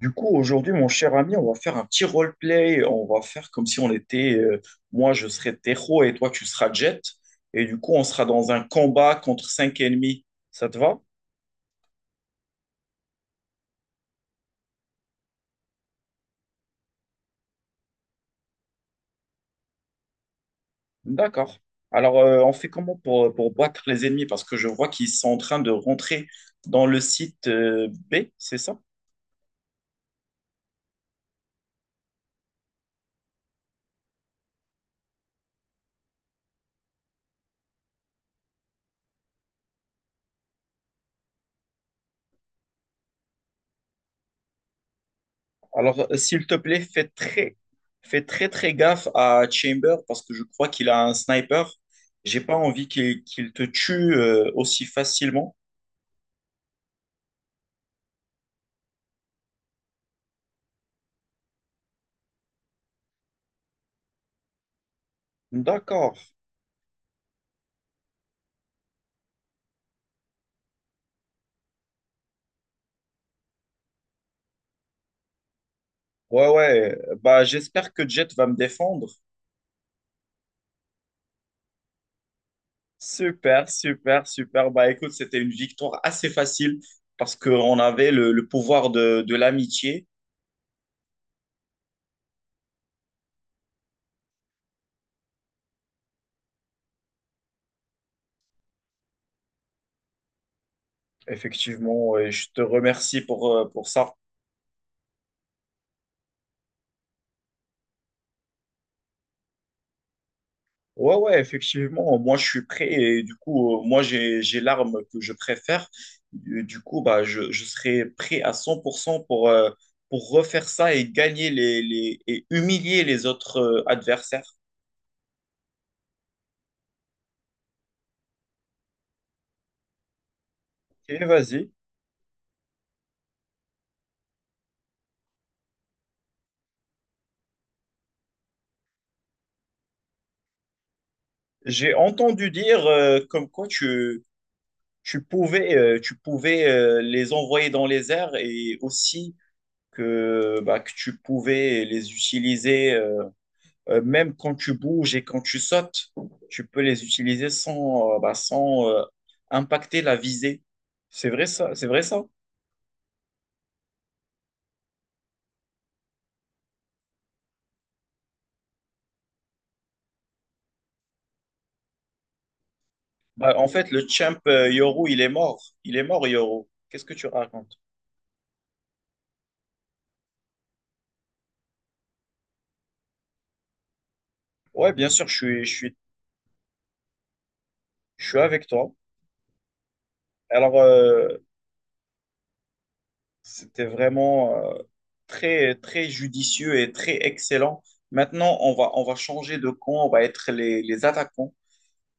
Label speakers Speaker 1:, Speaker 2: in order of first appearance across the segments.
Speaker 1: Du coup, aujourd'hui, mon cher ami, on va faire un petit roleplay. On va faire comme si on était, moi, je serais Tejo et toi, tu seras Jet. Et du coup, on sera dans un combat contre cinq ennemis. Ça te va? D'accord. Alors, on fait comment pour battre les ennemis? Parce que je vois qu'ils sont en train de rentrer dans le site, B, c'est ça? Alors, s'il te plaît, fais très, très gaffe à Chamber parce que je crois qu'il a un sniper. J'ai pas envie qu'il te tue aussi facilement. D'accord. Ouais, ouais. Bah, j'espère que Jet va me défendre. Super, super, super. Bah, écoute, c'était une victoire assez facile parce qu'on avait le pouvoir de l'amitié. Effectivement, et je te remercie pour ça. Ouais, ouais, effectivement, moi je suis prêt et du coup, moi j'ai l'arme que je préfère. Du coup, bah, je serai prêt à cent pour cent pour refaire ça et gagner et humilier les autres adversaires. Et vas-y. J'ai entendu dire comme quoi tu pouvais les envoyer dans les airs et aussi que tu pouvais les utiliser. Même quand tu bouges et quand tu sautes, tu peux les utiliser sans impacter la visée. C'est vrai ça, c'est vrai ça. Bah, en fait, le champ Yoru, il est mort. Il est mort, Yoru. Qu'est-ce que tu racontes? Ouais, bien sûr, je suis avec toi. Alors, c'était vraiment très, très judicieux et très excellent. Maintenant, on va changer de camp, on va être les attaquants.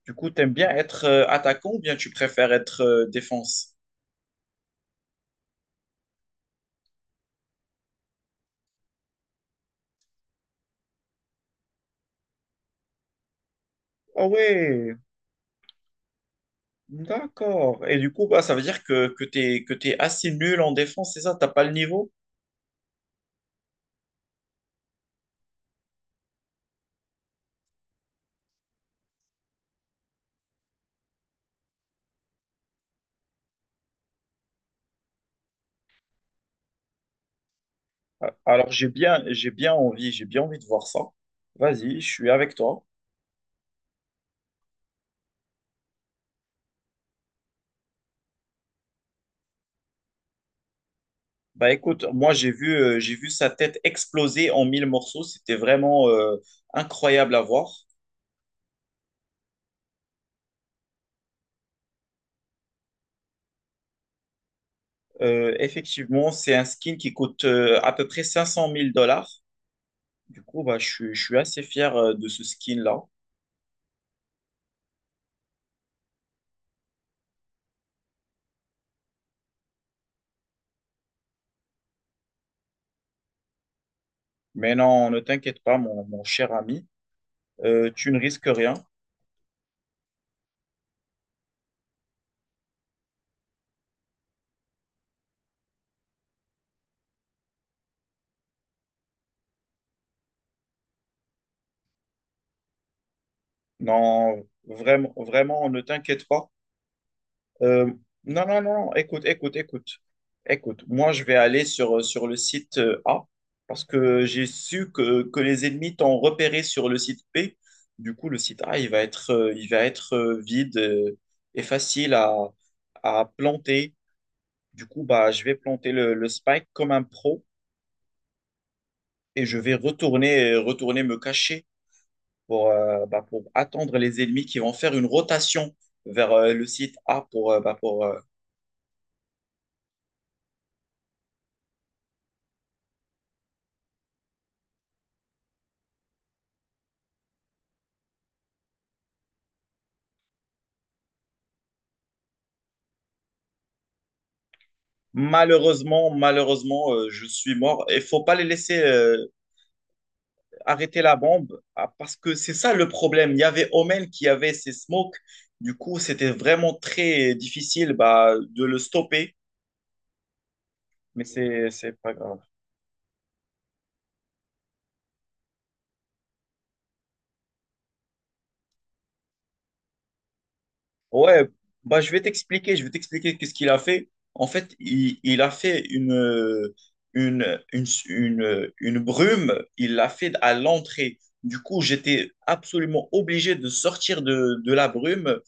Speaker 1: Du coup, t'aimes bien être attaquant ou bien tu préfères être défense? Ah ouais, d'accord. Et du coup, bah, ça veut dire que t'es assez nul en défense, c'est ça? T'as pas le niveau? Ah, alors, j'ai bien envie de voir ça. Vas-y, je suis avec toi. Bah, écoute, moi, j'ai vu sa tête exploser en mille morceaux. C'était vraiment incroyable à voir. Effectivement, c'est un skin qui coûte à peu près cinq cent mille dollars. Du coup, bah, je suis assez fier de ce skin-là. Mais non, ne t'inquiète pas, mon cher ami. Tu ne risques rien. Non, vraiment, vraiment, ne t'inquiète pas. Euh, non, non, non, non, écoute, écoute, écoute. Écoute, moi, je vais aller sur le site A parce que j'ai su que les ennemis t'ont repéré sur le site B. Du coup, le site A, il va être vide et facile à planter. Du coup, bah, je vais planter le spike comme un pro et je vais retourner me cacher. Pour attendre les ennemis qui vont faire une rotation vers le site A. pour, bah, pour malheureusement, Malheureusement, je suis mort. Il faut pas les laisser arrêter la bombe parce que c'est ça le problème. Il y avait Omen qui avait ses smokes. Du coup, c'était vraiment très difficile de le stopper, mais c'est pas grave. Ouais, bah, je vais t'expliquer qu'est-ce qu'il a fait. En fait, il a fait une brume, il l'a fait à l'entrée. Du coup, j'étais absolument obligé de sortir de la brume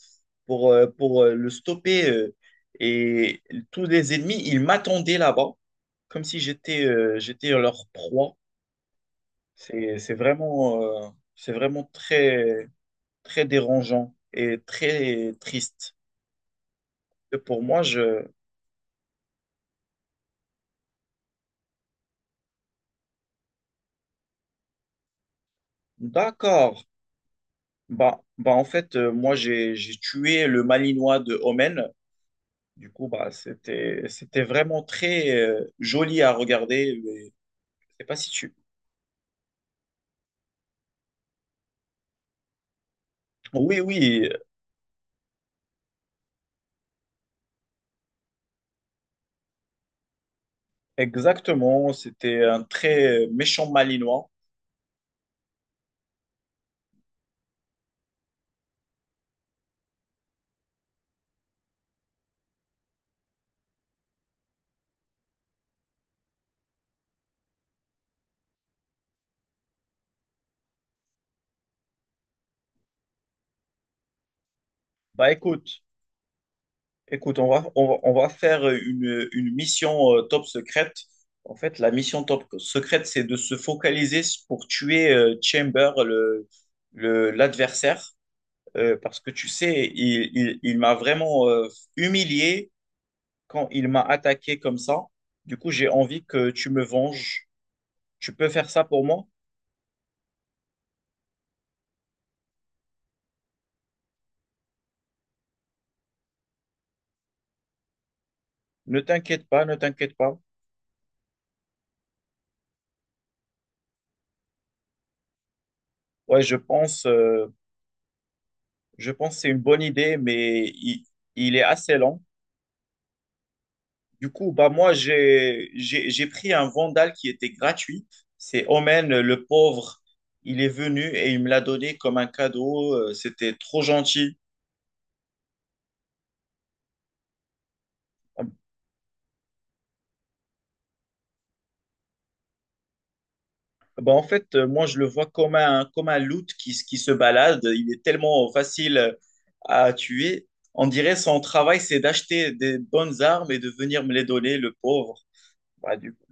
Speaker 1: pour le stopper. Et tous les ennemis, ils m'attendaient là-bas, comme si j'étais leur proie. C'est, c'est vraiment, euh, c'est vraiment très, très dérangeant et très triste. Et pour moi, je... D'accord. Bah, en fait, moi, j'ai tué le Malinois de Omen. Du coup, bah, c'était vraiment très joli à regarder, mais Je sais pas si tu... Oui, oui, exactement. C'était un très méchant Malinois. Bah, écoute, écoute, on va faire une mission top secrète. En fait, la mission top secrète, c'est de se focaliser pour tuer Chamber, l'adversaire. Parce que tu sais, il m'a vraiment humilié quand il m'a attaqué comme ça. Du coup, j'ai envie que tu me venges. Tu peux faire ça pour moi? Ne t'inquiète pas, ne t'inquiète pas. Ouais, je pense que c'est une bonne idée, mais il est assez lent. Du coup, bah moi, j'ai pris un vandal qui était gratuit. C'est Omen, le pauvre. Il est venu et il me l'a donné comme un cadeau. C'était trop gentil. Ben, en fait, moi, je le vois comme un, loot qui se balade. Il est tellement facile à tuer. On dirait son travail, c'est d'acheter des bonnes armes et de venir me les donner, le pauvre. Bah, du coup,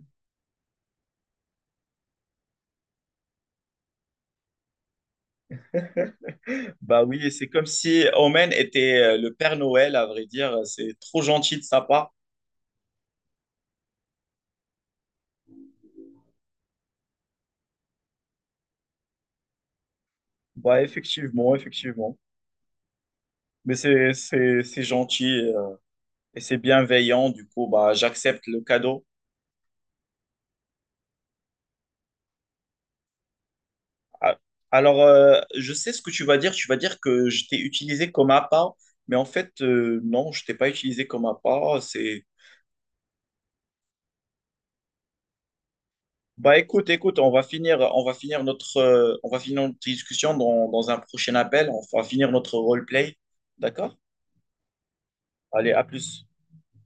Speaker 1: bah oui, c'est comme si Omen était le Père Noël, à vrai dire. C'est trop gentil de sa part. Bah, effectivement, effectivement. Mais c'est gentil et c'est bienveillant. Du coup, bah, j'accepte le cadeau. Ah, alors, je sais ce que tu vas dire. Tu vas dire que je t'ai utilisé comme appât, mais en fait, non, je t'ai pas utilisé comme appât. Bah, écoute, écoute, on va finir notre discussion dans un prochain appel. On va finir notre roleplay, d'accord? Allez, à plus.